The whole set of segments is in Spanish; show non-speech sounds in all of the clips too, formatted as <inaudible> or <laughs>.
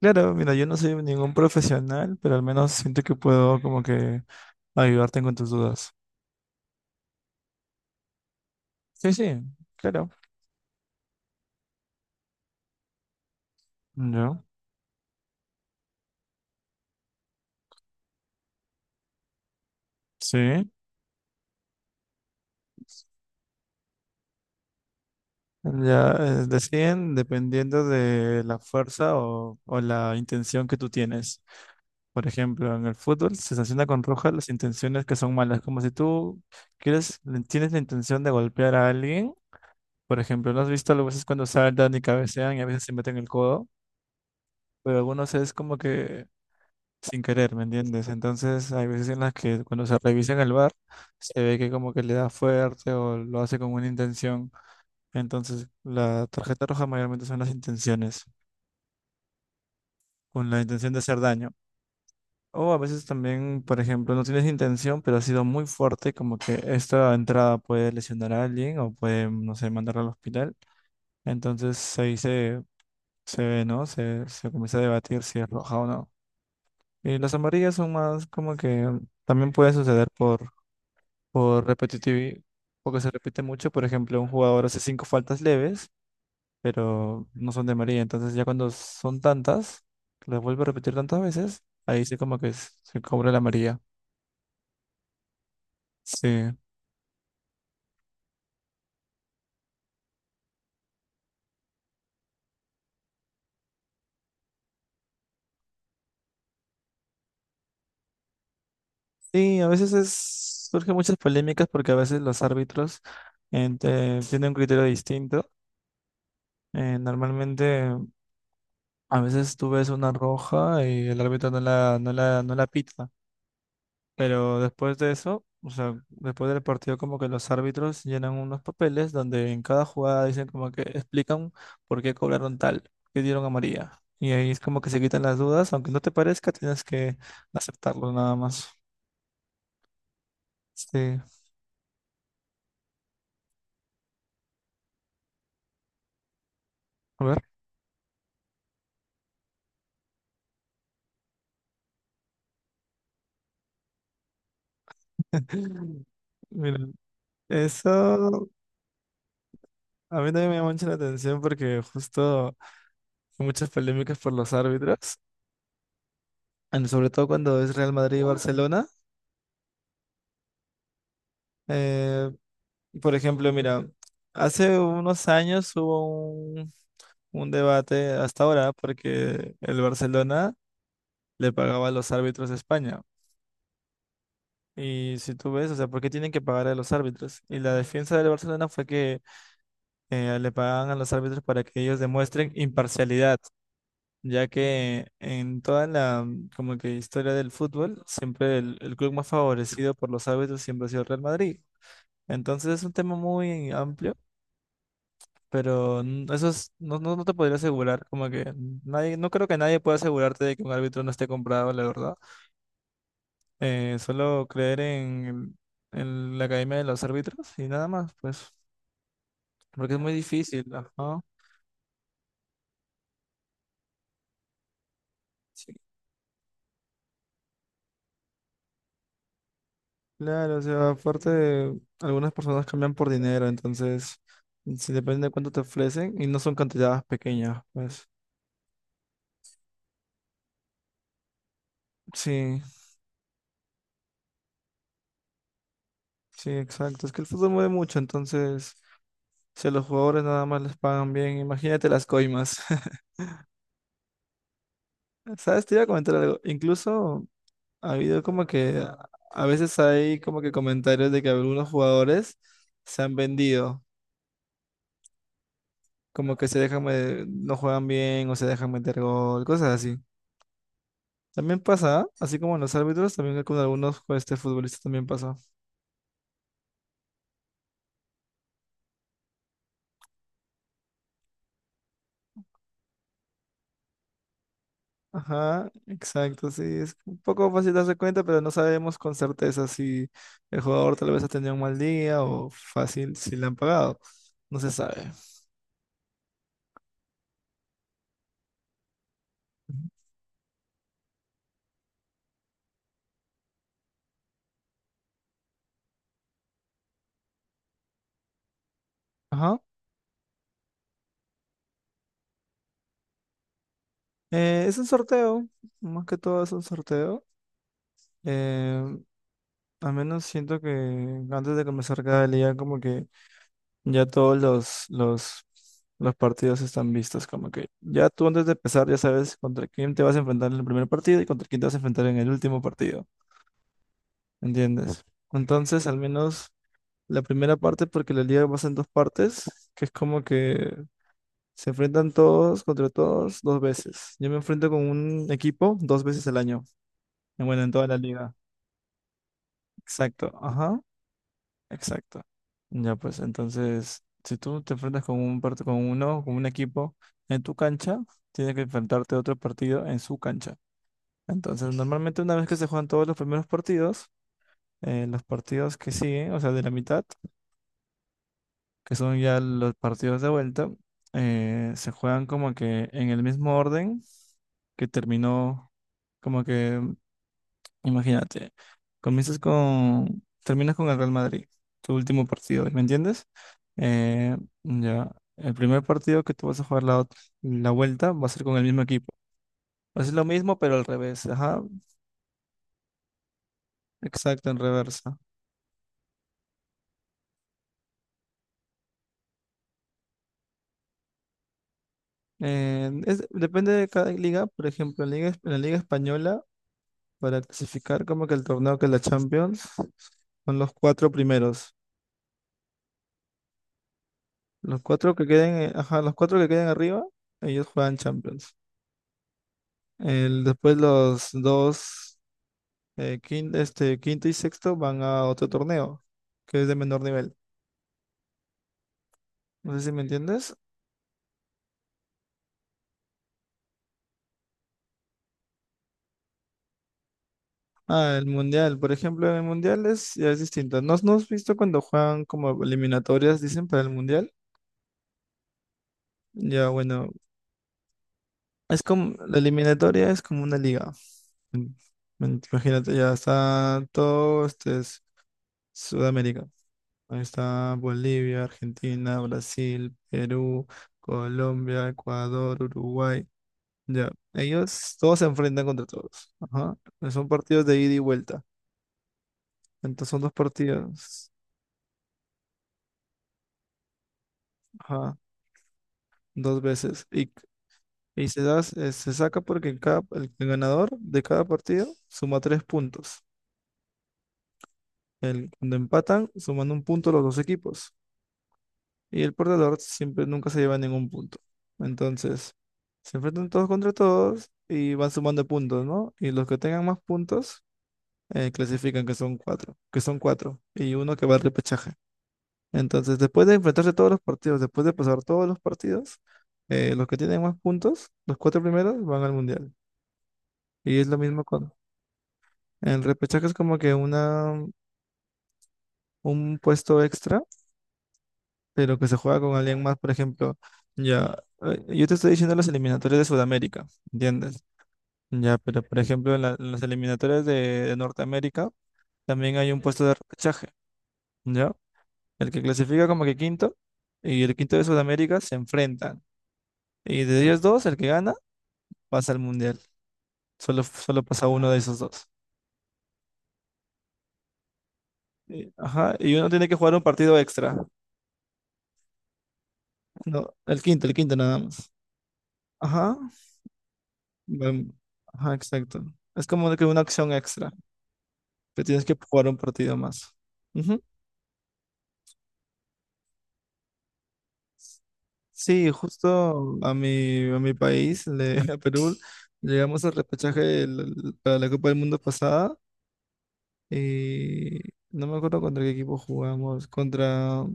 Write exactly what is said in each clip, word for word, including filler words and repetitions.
Claro, mira, yo no soy ningún profesional, pero al menos siento que puedo como que ayudarte con tus dudas. Sí, sí, claro. Ya, sí. Ya, eh, deciden dependiendo de la fuerza o, o la intención que tú tienes. Por ejemplo, en el fútbol se sanciona con roja las intenciones que son malas, como si tú quieres, tienes la intención de golpear a alguien. Por ejemplo, ¿no has visto a veces cuando saltan y cabecean y a veces se meten el codo? Pero algunos es como que sin querer, ¿me entiendes? Entonces hay veces en las que cuando se revisa en el bar se ve que como que le da fuerte o lo hace con una intención. Entonces la tarjeta roja mayormente son las intenciones, con la intención de hacer daño. O a veces también, por ejemplo, no tienes intención, pero ha sido muy fuerte, como que esta entrada puede lesionar a alguien o puede, no sé, mandarlo al hospital. Entonces ahí se, se ve, ¿no? Se, se comienza a debatir si es roja o no. Y las amarillas son más como que también puede suceder por por repetitivo, porque se repite mucho. Por ejemplo, un jugador hace cinco faltas leves, pero no son de María. Entonces ya cuando son tantas, las vuelve a repetir tantas veces, ahí sí como que s- se cobra la María. Sí. Sí, a veces es, surgen muchas polémicas porque a veces los árbitros en- te- tienen un criterio distinto. Eh, normalmente, a veces tú ves una roja y el árbitro no la, no la, no la pita. Pero después de eso, o sea, después del partido, como que los árbitros llenan unos papeles donde en cada jugada dicen como que explican por qué cobraron tal, qué dieron amarilla. Y ahí es como que se quitan las dudas, aunque no te parezca, tienes que aceptarlo nada más. Sí, a ver. <laughs> Mira, eso a mí también me llama mucho la atención porque justo hay muchas polémicas por los árbitros, en- sobre todo cuando es Real Madrid y Barcelona. eh, Por ejemplo, mira, hace unos años hubo un, un debate hasta ahora porque el Barcelona le pagaba a los árbitros de España. Y si tú ves, o sea, ¿por qué tienen que pagar a los árbitros? Y la defensa del Barcelona fue que eh, le pagaban a los árbitros para que ellos demuestren imparcialidad, ya que en toda la mm, como que historia del fútbol, siempre el, el club más favorecido por los árbitros siempre ha sido el Real Madrid. Entonces es un tema muy amplio. Pero n- eso es, no, no, no te podría asegurar, como que nadie, no creo que nadie pueda asegurarte de que un árbitro no esté comprado, la verdad. Eh, solo creer en, el- en la academia de los árbitros y nada más, pues, porque es muy difícil, ajá. Sí. Claro, o sea, aparte, algunas personas cambian por dinero, entonces, si depende de cuánto te ofrecen y no son cantidades pequeñas, pues. Sí, sí, exacto. Es que el fútbol mueve mucho, entonces, si a los jugadores nada más les pagan bien, imagínate las coimas. <laughs> ¿Sabes? Te iba a comentar algo. Incluso ha habido como que a a veces hay como que comentarios de que algunos jugadores se han vendido, como que se dejan, me- no juegan bien o se dejan meter gol, cosas así. También pasa, ¿ah? Así como en los árbitros, también con algunos pues, este, futbolistas también pasó. Ajá, exacto, sí. Es un poco fácil darse cuenta, pero no sabemos con certeza si el jugador tal vez ha tenido un mal día o fácil si le han pagado. No se sabe. Ujú. Ajá. Eh, es un sorteo, más que todo es un sorteo. Eh, Al menos siento que antes de comenzar cada liga como que ya todos los, los, los partidos están vistos. Como que ya tú antes de empezar ya sabes contra quién te vas a enfrentar en el primer partido y contra quién te vas a enfrentar en el último partido. ¿Entiendes? Entonces, al menos la primera parte, porque la liga pasa en dos partes, que es como que se enfrentan todos contra todos dos veces. Yo me enfrento con un equipo dos veces al año. Bueno, en toda la liga. Exacto, ajá, exacto. Ya pues, entonces, si tú te enfrentas con un part- con uno, con un equipo en tu cancha, tienes que enfrentarte a otro partido en su cancha. Entonces, normalmente una vez que se juegan todos los primeros partidos, eh, los partidos que siguen, o sea, de la mitad, que son ya los partidos de vuelta, eh, se juegan como que en el mismo orden que terminó, como que imagínate, comienzas con, terminas con el Real Madrid, tu último partido, ¿me entiendes? Eh, ya, el primer partido que tú vas a jugar la, ot- la vuelta va a ser con el mismo equipo. Va a ser lo mismo, pero al revés, ajá, exacto, en reversa. Eh, es- depende de cada liga, por ejemplo, en, la liga, en la Liga Española, para clasificar como que el torneo que es la Champions, son los cuatro primeros. Los cuatro que queden, eh, ajá, los cuatro que queden arriba, ellos juegan Champions. El, después los dos, eh, quin- este, quinto y sexto van a otro torneo, que es de menor nivel. No sé si me entiendes. Ah, el mundial, por ejemplo, en el mundial es, ya es distinto. ¿No, no has visto cuando juegan como eliminatorias, dicen, para el mundial? Ya, bueno, es como, la eliminatoria es como una liga. Mm, mm, Imagínate, ya está todo, este es Sudamérica. Ahí está Bolivia, Argentina, Brasil, Perú, Colombia, Ecuador, Uruguay. Ya, ellos todos se enfrentan contra todos. Ajá. Son partidos de ida y vuelta. Entonces son dos partidos. Ajá. Dos veces. Y, y se da, se se saca porque cada, el, el ganador de cada partido suma tres puntos. El, cuando empatan, suman un punto los dos equipos. Y el perdedor siempre nunca se lleva ningún punto. Entonces, se enfrentan todos contra todos y van sumando puntos, ¿no? Y los que tengan más puntos, eh, clasifican, que son cuatro, que son cuatro. Y uno que va al repechaje. Entonces, después de enfrentarse todos los partidos, después de pasar todos los partidos, eh, los que tienen más puntos, los cuatro primeros, van al mundial. Y es lo mismo con el repechaje, es como que una, un puesto extra, pero que se juega con alguien más, por ejemplo, ya, eh, yo te estoy diciendo las eliminatorias de Sudamérica, ¿entiendes? Ya, pero por ejemplo, en, la- en las eliminatorias de, de Norteamérica también hay un puesto de repechaje, ¿ya? El que clasifica como que quinto y el quinto de Sudamérica se enfrentan. Y de ellos dos, el que gana pasa al mundial. Solo, solo pasa uno de esos dos. Y- Ajá, y uno tiene que jugar un partido extra. No, el quinto, el quinto nada más. Ajá, bueno, ajá, exacto. Es como que una acción extra, que tienes que jugar un partido más. Ujú. Sí, justo a mi, a mi país, le- <laughs> a Perú, llegamos al repechaje el- para la Copa del Mundo pasada y no me acuerdo contra qué equipo jugamos, contra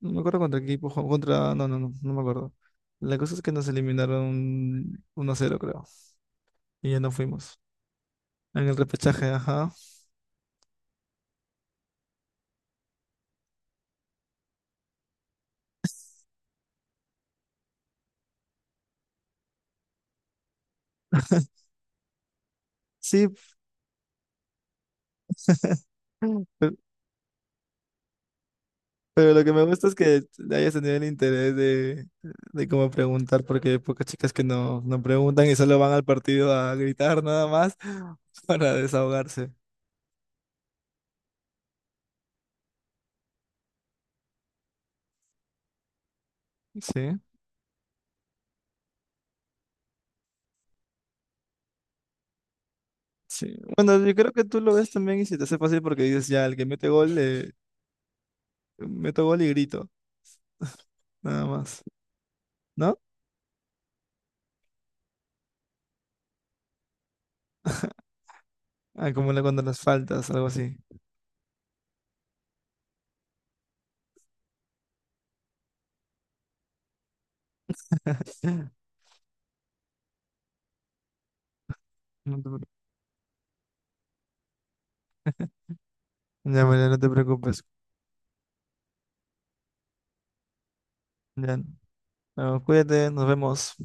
no me acuerdo contra qué equipo jugó- Contra. No, no, no, no me acuerdo. La cosa es que nos eliminaron uno a cero creo. Y ya no fuimos. En el repechaje, ajá. Sí, Mm. pe- pero, lo que me gusta es que le hayas tenido el interés de, de cómo preguntar, porque hay pocas chicas que no, no preguntan y solo van al partido a gritar nada más <laughs> para desahogarse. Sí, sí. Bueno, yo creo que tú lo ves también y se te hace fácil porque dices, ya, el que mete gol, le meto gol y grito, <laughs> nada más. ¿No? Ah, como la cuando las faltas, algo así. <laughs> No te pre- Ya, María, no te preocupes. Ya. No, cuídate, nos vemos.